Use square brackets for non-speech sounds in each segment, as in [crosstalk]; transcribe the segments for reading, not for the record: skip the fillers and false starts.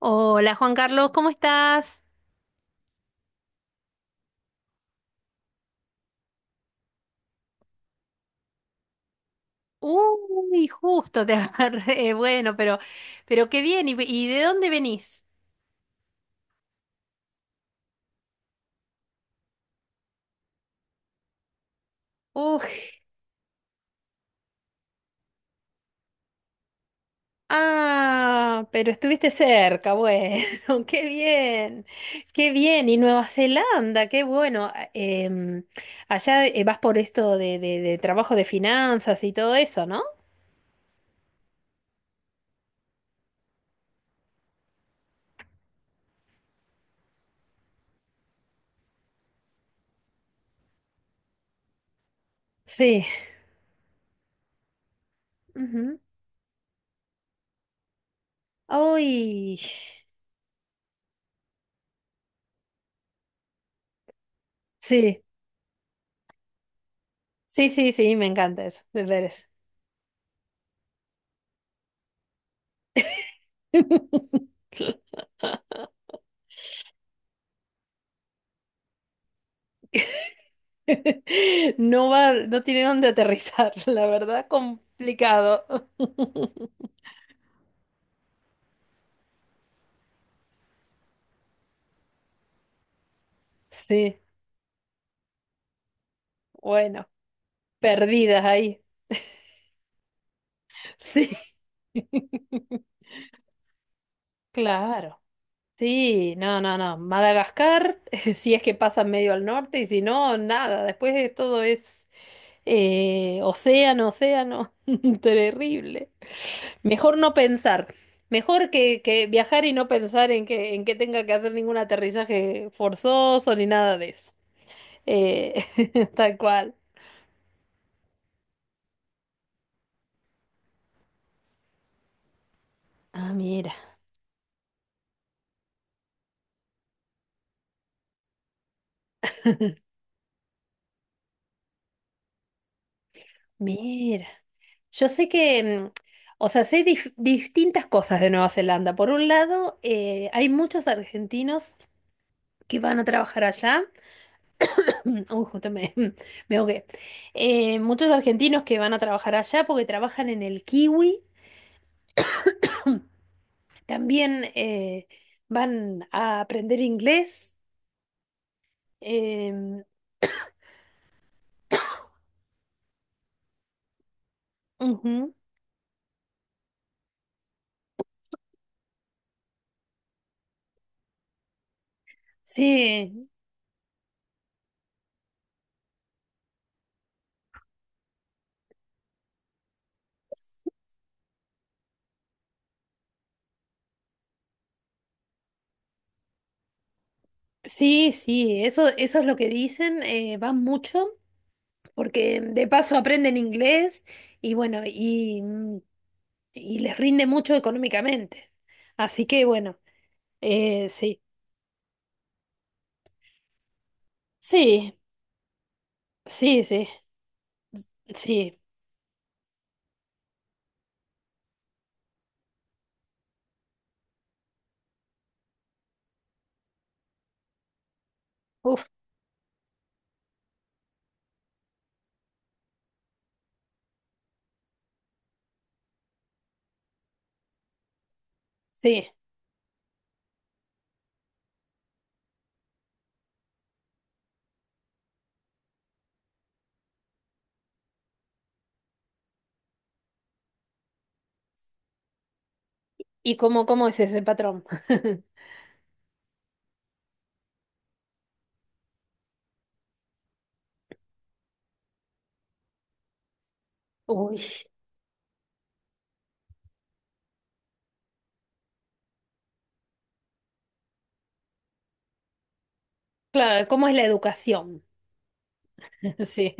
Hola Juan Carlos, ¿cómo estás? Uy, justo te agarré. [laughs] Bueno, pero qué bien. ¿Y de dónde venís? Uy, ah, pero estuviste cerca, bueno, [laughs] qué bien, qué bien. Y Nueva Zelanda, qué bueno. Allá vas por esto de trabajo de finanzas y todo eso, ¿no? Sí. Ujú. Uy, sí, sí, sí, sí, me encanta eso, de veras. [laughs] [laughs] No va, no tiene dónde aterrizar, [laughs] la verdad, complicado. [laughs] Sí, bueno, perdidas ahí. Sí. [laughs] Claro. Sí, no, no, no. Madagascar, [laughs] si es que pasa medio al norte y si no, nada. Después de todo es océano, océano. [laughs] Terrible. Mejor no pensar. Mejor que viajar y no pensar en que tenga que hacer ningún aterrizaje forzoso ni nada de eso. Eh, [laughs] tal cual. Ah, mira. Yo sé que, o sea, sé distintas cosas de Nueva Zelanda. Por un lado, hay muchos argentinos que van a trabajar allá. [clears throat] Uy, [laughs] me ahogué. Muchos argentinos que van a trabajar allá porque trabajan en el Kiwi. [clears throat] También van a aprender inglés. Em, Ujú. Sí, sí, sí, eso es lo que dicen, van mucho, porque de paso aprenden inglés y bueno, y les rinde mucho económicamente. Así que bueno, sí, sí, sí, sí, sí, uf, sí. ¿Y cómo es ese patrón? [laughs] Uy, claro, ¿cómo es la educación? [laughs] Sí.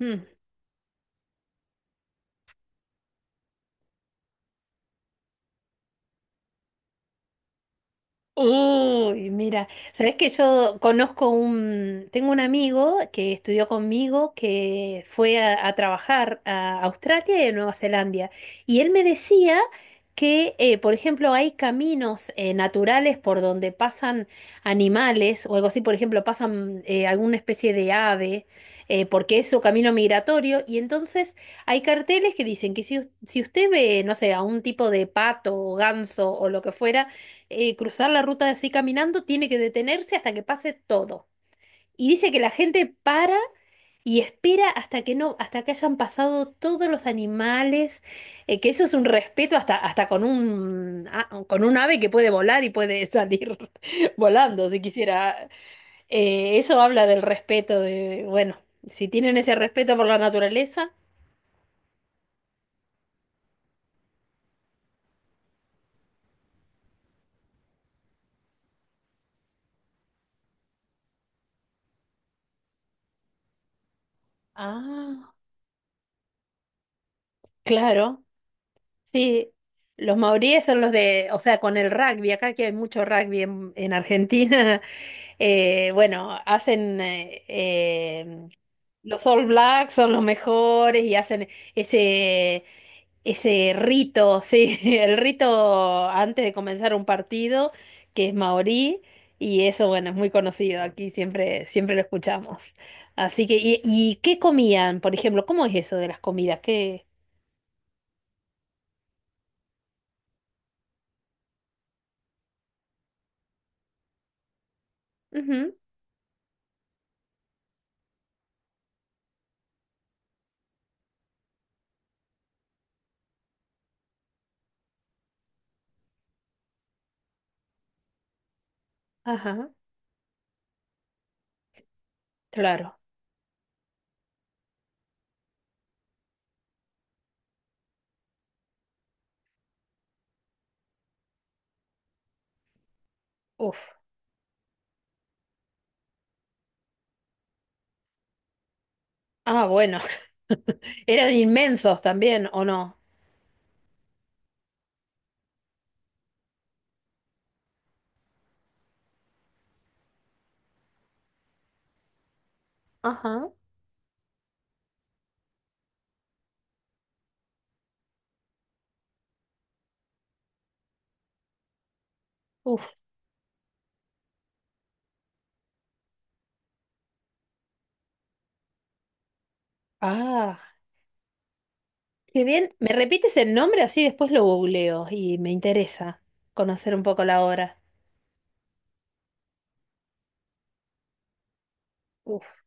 Mm. Uy, mira, sabes que yo conozco un, tengo un amigo que estudió conmigo que fue a trabajar a Australia y a Nueva Zelanda y él me decía que, por ejemplo, hay caminos naturales por donde pasan animales o algo así, por ejemplo, pasan alguna especie de ave porque es su camino migratorio y entonces hay carteles que dicen que si, si usted ve, no sé, a un tipo de pato o ganso o lo que fuera cruzar la ruta así caminando, tiene que detenerse hasta que pase todo. Y dice que la gente para y espera hasta que no, hasta que hayan pasado todos los animales, que eso es un respeto hasta con un, con un ave que puede volar y puede salir [laughs] volando si quisiera. Eso habla del respeto de, bueno, si tienen ese respeto por la naturaleza. Ah, claro. Sí, los maoríes son los de, o sea, con el rugby, acá que hay mucho rugby en Argentina, [laughs] bueno, hacen, los All Blacks son los mejores y hacen ese, ese rito, sí, [laughs] el rito antes de comenzar un partido, que es maorí, y eso, bueno, es muy conocido, aquí siempre, siempre lo escuchamos. Así que, y qué comían, por ejemplo? ¿Cómo es eso de las comidas? ¿Qué? Ujú, ajá, claro. Uf. Ah, bueno, [laughs] eran inmensos también, ¿o no? Ajá. Uf, ah, qué bien. ¿Me repites el nombre? Así después lo googleo y me interesa conocer un poco la obra. Uf.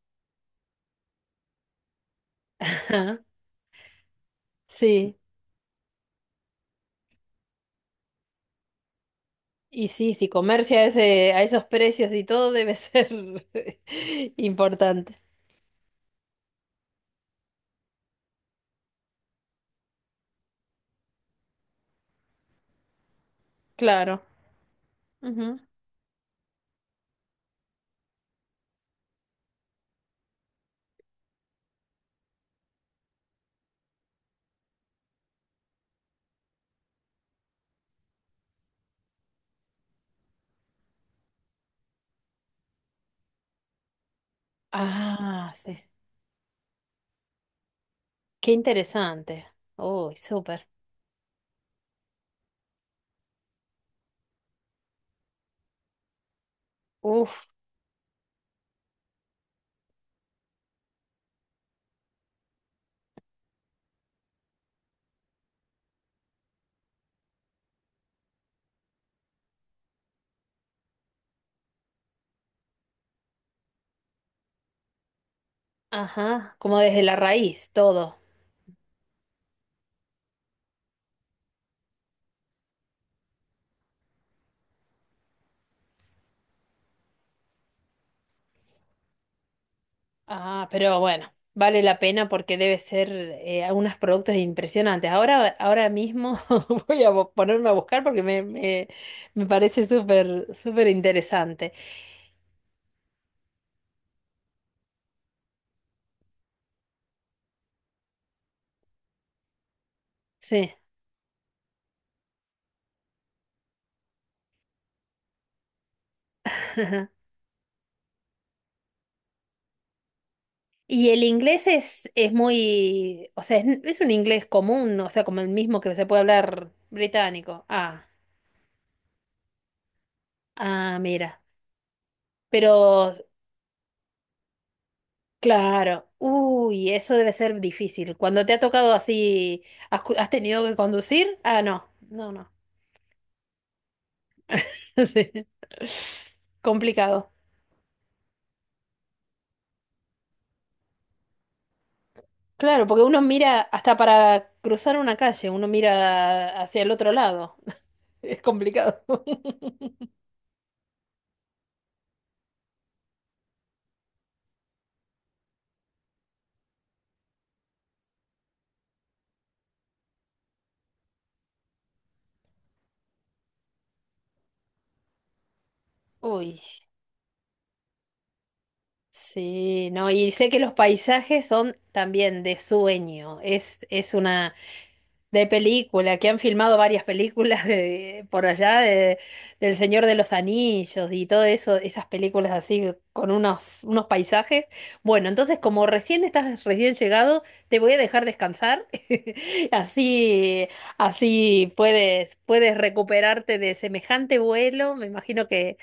[laughs] Ajá, sí, y sí, si comercia a ese, a esos precios y todo debe ser [laughs] importante. Claro. Ujú. Ah, sí. Qué interesante. Uy, súper. Uf, ajá, como desde la raíz, todo. Ah, pero bueno, vale la pena porque debe ser algunos productos impresionantes. Ahora, ahora mismo [laughs] voy a ponerme a buscar me parece súper, súper interesante. Sí. [laughs] Y el inglés es muy, o sea, es un inglés común, o sea, como el mismo que se puede hablar británico. Ah, ah, mira. Pero, claro, uy, eso debe ser difícil. Cuando te ha tocado así, ¿has, has tenido que conducir? Ah, no, no, no. [laughs] Sí. Complicado. Claro, porque uno mira hasta para cruzar una calle, uno mira hacia el otro lado. [laughs] Es complicado. [laughs] Uy, sí, no, y sé que los paisajes son también de sueño. Es una de película, que han filmado varias películas [laughs] de, por allá de, del Señor de los Anillos y todo eso, esas películas así con unos, unos paisajes. Bueno, entonces como recién estás recién llegado, te voy a dejar descansar. [laughs] Así, así puedes, puedes recuperarte de semejante vuelo. Me imagino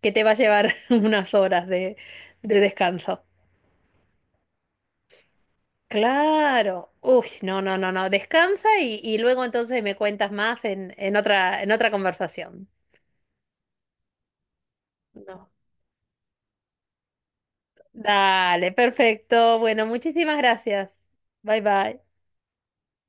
que te va a llevar [laughs] unas horas de descanso. Claro. Uy, no, no, no, no. Descansa y luego entonces me cuentas más en otra conversación. No. Dale, perfecto. Bueno, muchísimas gracias. Bye bye.